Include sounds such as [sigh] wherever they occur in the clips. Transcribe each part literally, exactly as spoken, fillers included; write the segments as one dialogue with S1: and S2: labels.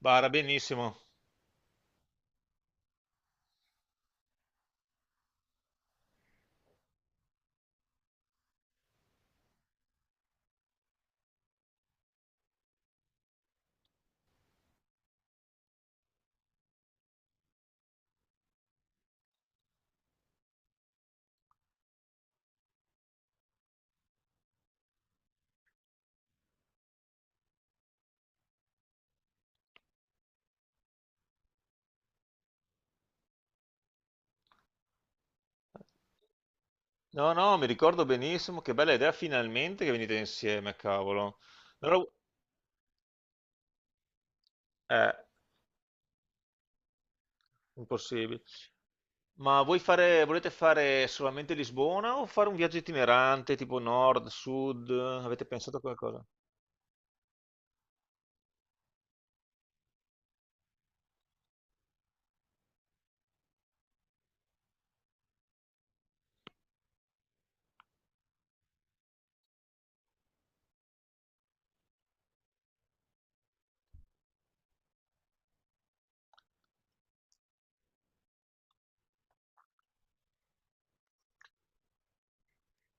S1: Bara, benissimo. No, no, mi ricordo benissimo. Che bella idea finalmente che venite insieme, cavolo. Allora, eh, impossibile. Ma voi fare, volete fare solamente Lisbona o fare un viaggio itinerante tipo nord, sud? Avete pensato a qualcosa?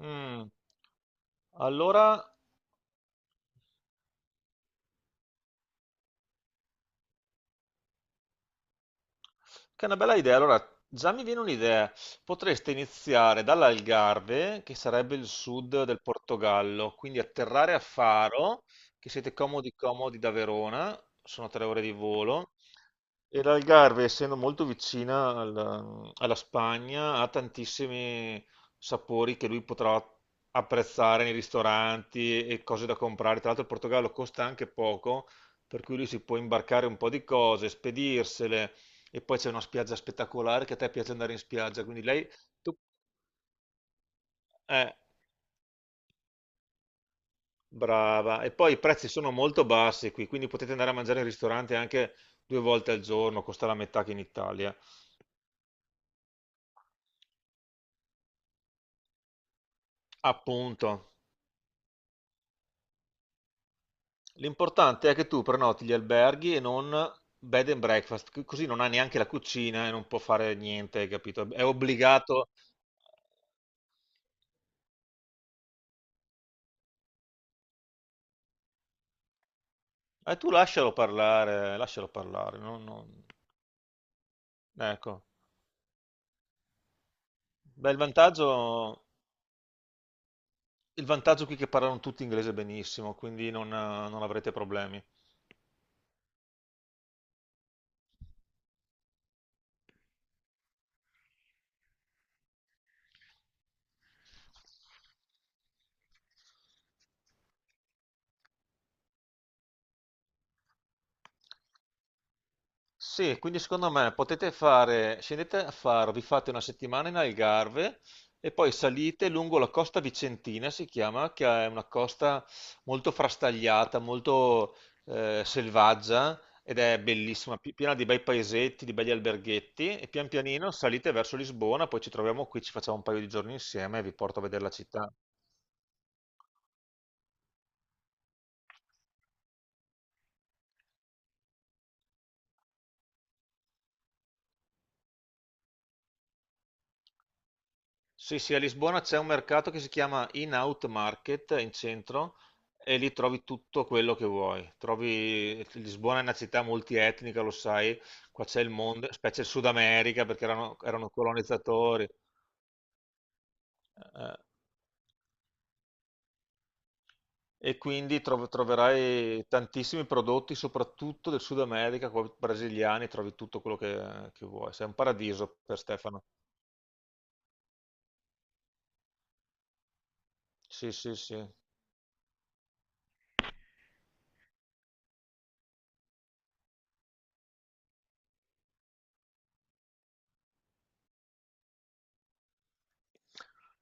S1: Mm. Allora, Che è una bella idea. Allora, già mi viene un'idea. Potreste iniziare dall'Algarve, che sarebbe il sud del Portogallo, quindi atterrare a Faro, che siete comodi comodi da Verona, sono tre ore di volo, e l'Algarve, essendo molto vicina al- alla Spagna, ha tantissimi sapori che lui potrà apprezzare nei ristoranti e cose da comprare. Tra l'altro il Portogallo costa anche poco, per cui lui si può imbarcare un po' di cose, spedirsele, e poi c'è una spiaggia spettacolare che a te piace andare in spiaggia, quindi lei. tu- eh, Brava. E poi i prezzi sono molto bassi qui, quindi potete andare a mangiare in ristorante anche due volte al giorno, costa la metà che in Italia. Appunto. L'importante è che tu prenoti gli alberghi e non bed and breakfast, c- così non ha neanche la cucina e non può fare niente, hai capito? È obbligato. E tu lascialo parlare, lascialo parlare. non- non- Ecco. Beh, il vantaggio, il vantaggio qui è che parlano tutti inglese benissimo, quindi non, eh, non avrete problemi. Sì, quindi secondo me potete fare, scendete a fare, vi fate una settimana in Algarve e poi salite lungo la costa vicentina, si chiama, che è una costa molto frastagliata, molto eh, selvaggia, ed è bellissima, pi- piena di bei paesetti, di belli alberghetti, e pian pianino salite verso Lisbona, poi ci troviamo qui, ci facciamo un paio di giorni insieme e vi porto a vedere la città. Sì, sì, a Lisbona c'è un mercato che si chiama In-Out Market in centro e lì trovi tutto quello che vuoi. Trovi... Lisbona è una città multietnica, lo sai, qua c'è il mondo, specie il Sud America perché erano, erano colonizzatori. eh, e quindi tro- troverai tantissimi prodotti, soprattutto del Sud America, qua brasiliani, trovi tutto quello che, che vuoi. Sei un paradiso per Stefano. Sì, sì, sì.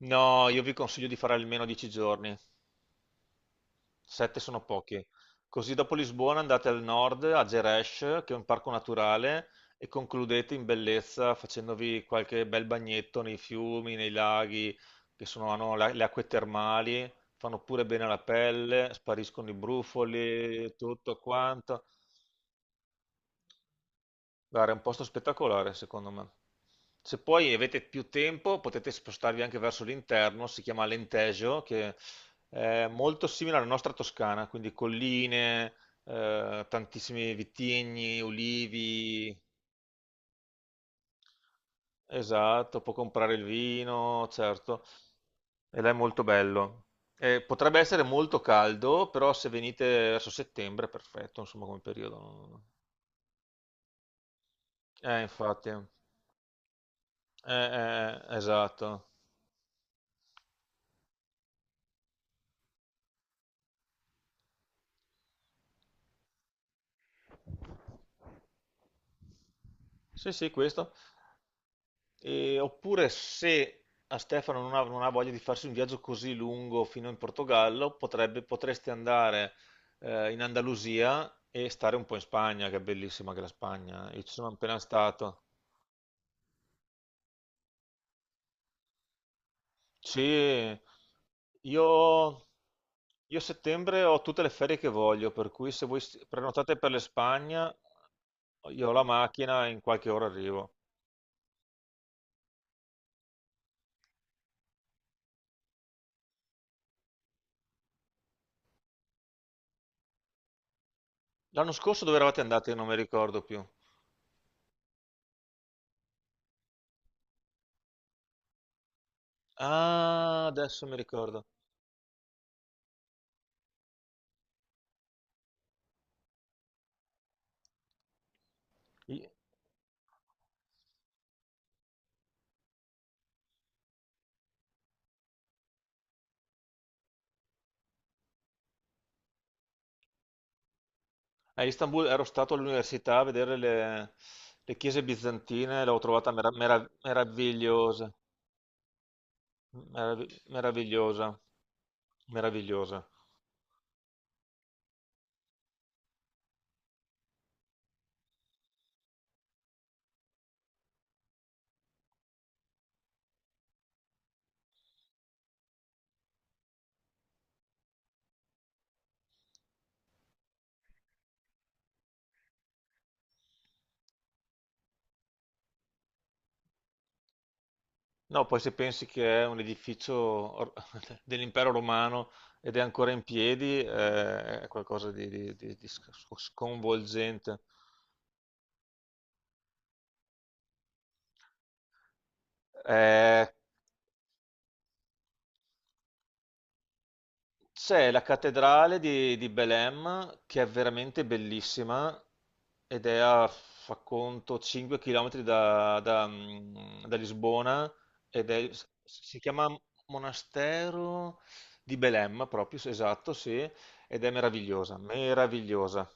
S1: No, io vi consiglio di fare almeno dieci giorni. Sette sono pochi. Così dopo Lisbona andate al nord, a Gerês, che è un parco naturale, e concludete in bellezza facendovi qualche bel bagnetto nei fiumi, nei laghi, che sono, hanno la- le acque termali, fanno pure bene alla pelle, spariscono i brufoli, tutto quanto. Guarda, è un posto spettacolare, secondo me. Se poi avete più tempo, potete spostarvi anche verso l'interno, si chiama Alentejo, che è molto simile alla nostra Toscana, quindi colline, eh, tantissimi vitigni, olivi, esatto, può comprare il vino, certo, e là è molto bello. Eh, potrebbe essere molto caldo, però se venite verso settembre è perfetto, insomma, come periodo. non- Eh, infatti, eh, eh, eh, esatto. Sì, sì, questo. E- oppure se a Stefano non ha, non ha voglia di farsi un viaggio così lungo fino in Portogallo, potrebbe, potresti andare eh, in Andalusia e stare un po' in Spagna, che è bellissima anche la Spagna. Io ci sono appena stato. Sì, io, io a settembre ho tutte le ferie che voglio, per cui se voi s- prenotate per l'Espagna, io ho la macchina e in qualche ora arrivo. L'anno scorso dove eravate andati? Io non mi ricordo più. Ah, adesso mi ricordo. I- A Istanbul ero stato all'università a vedere le, le chiese bizantine, l'ho trovata mera- mera- meravigliosa, meravi- meravigliosa, meravigliosa. No, poi se pensi che è un edificio or- [laughs] dell'Impero Romano ed è ancora in piedi, eh, è qualcosa di, di- di- di sc- sconvolgente. Eh, C'è la cattedrale di, di Belém che è veramente bellissima ed è a, fa conto, cinque chilometri da, da, mm, da Lisbona ed è, si chiama Monastero di Belém proprio, sì, esatto, sì, ed è meravigliosa, meravigliosa.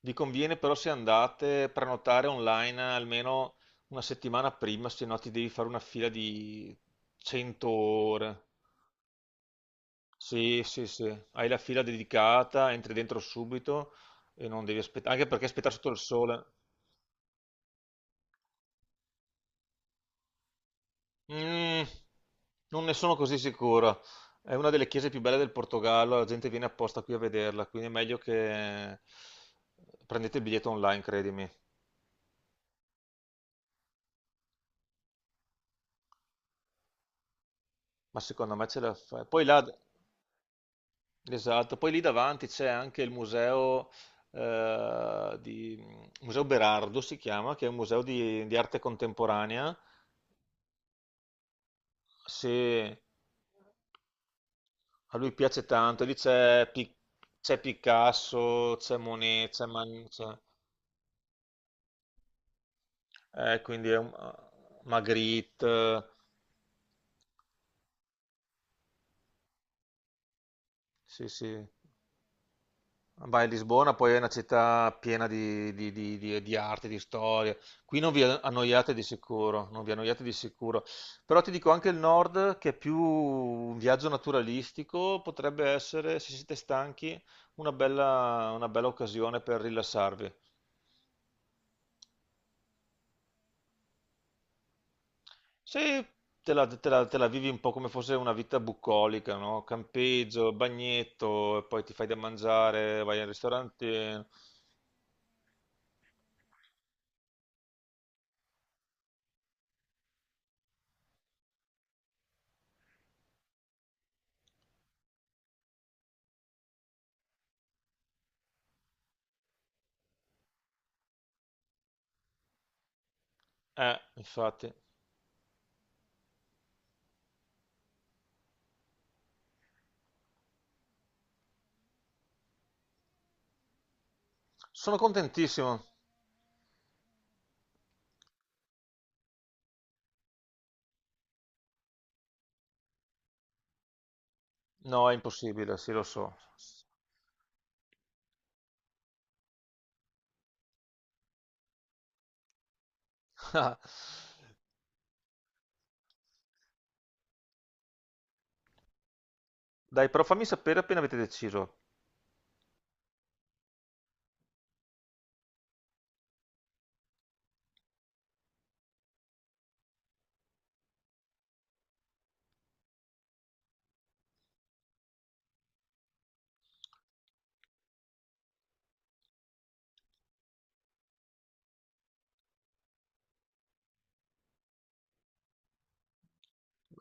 S1: Vi conviene però, se andate, prenotare online almeno una settimana prima, se no ti devi fare una fila di cento ore. Sì, sì, sì, hai la fila dedicata, entri dentro subito e non devi aspettare, anche perché aspettare sotto il sole. Mm, non ne sono così sicuro. È una delle chiese più belle del Portogallo, la gente viene apposta qui a vederla, quindi è meglio che prendete il biglietto online, credimi. Ma secondo me ce la fai. Poi là, esatto, poi lì davanti c'è anche il museo, eh, di, Museo Berardo si chiama, che è un museo di di arte contemporanea. Sì, a lui piace tanto, lì c'è Pi- c'è Picasso, c'è Monet, c'è Man- c'è- eh, quindi è un- Magritte, sì sì. Vai a Lisbona, poi è una città piena di, di- di- di- di arte, di storia. Qui non vi annoiate di sicuro, non vi annoiate di sicuro. Però ti dico anche il nord, che è più un viaggio naturalistico, potrebbe essere, se siete stanchi, una bella, una bella occasione per rilassarvi. Sì, te la, te la- te la vivi un po' come fosse una vita bucolica, no? Campeggio, bagnetto, e poi ti fai da mangiare, vai al ristorante. Eh, infatti. Sono contentissimo. No, è impossibile, sì, lo so. [laughs] Dai, però fammi sapere appena avete deciso.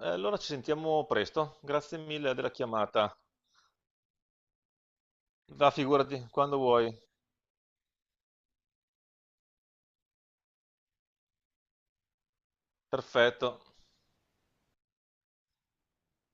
S1: Eh, allora ci sentiamo presto. Grazie mille della chiamata. Va, figurati, quando vuoi. Perfetto.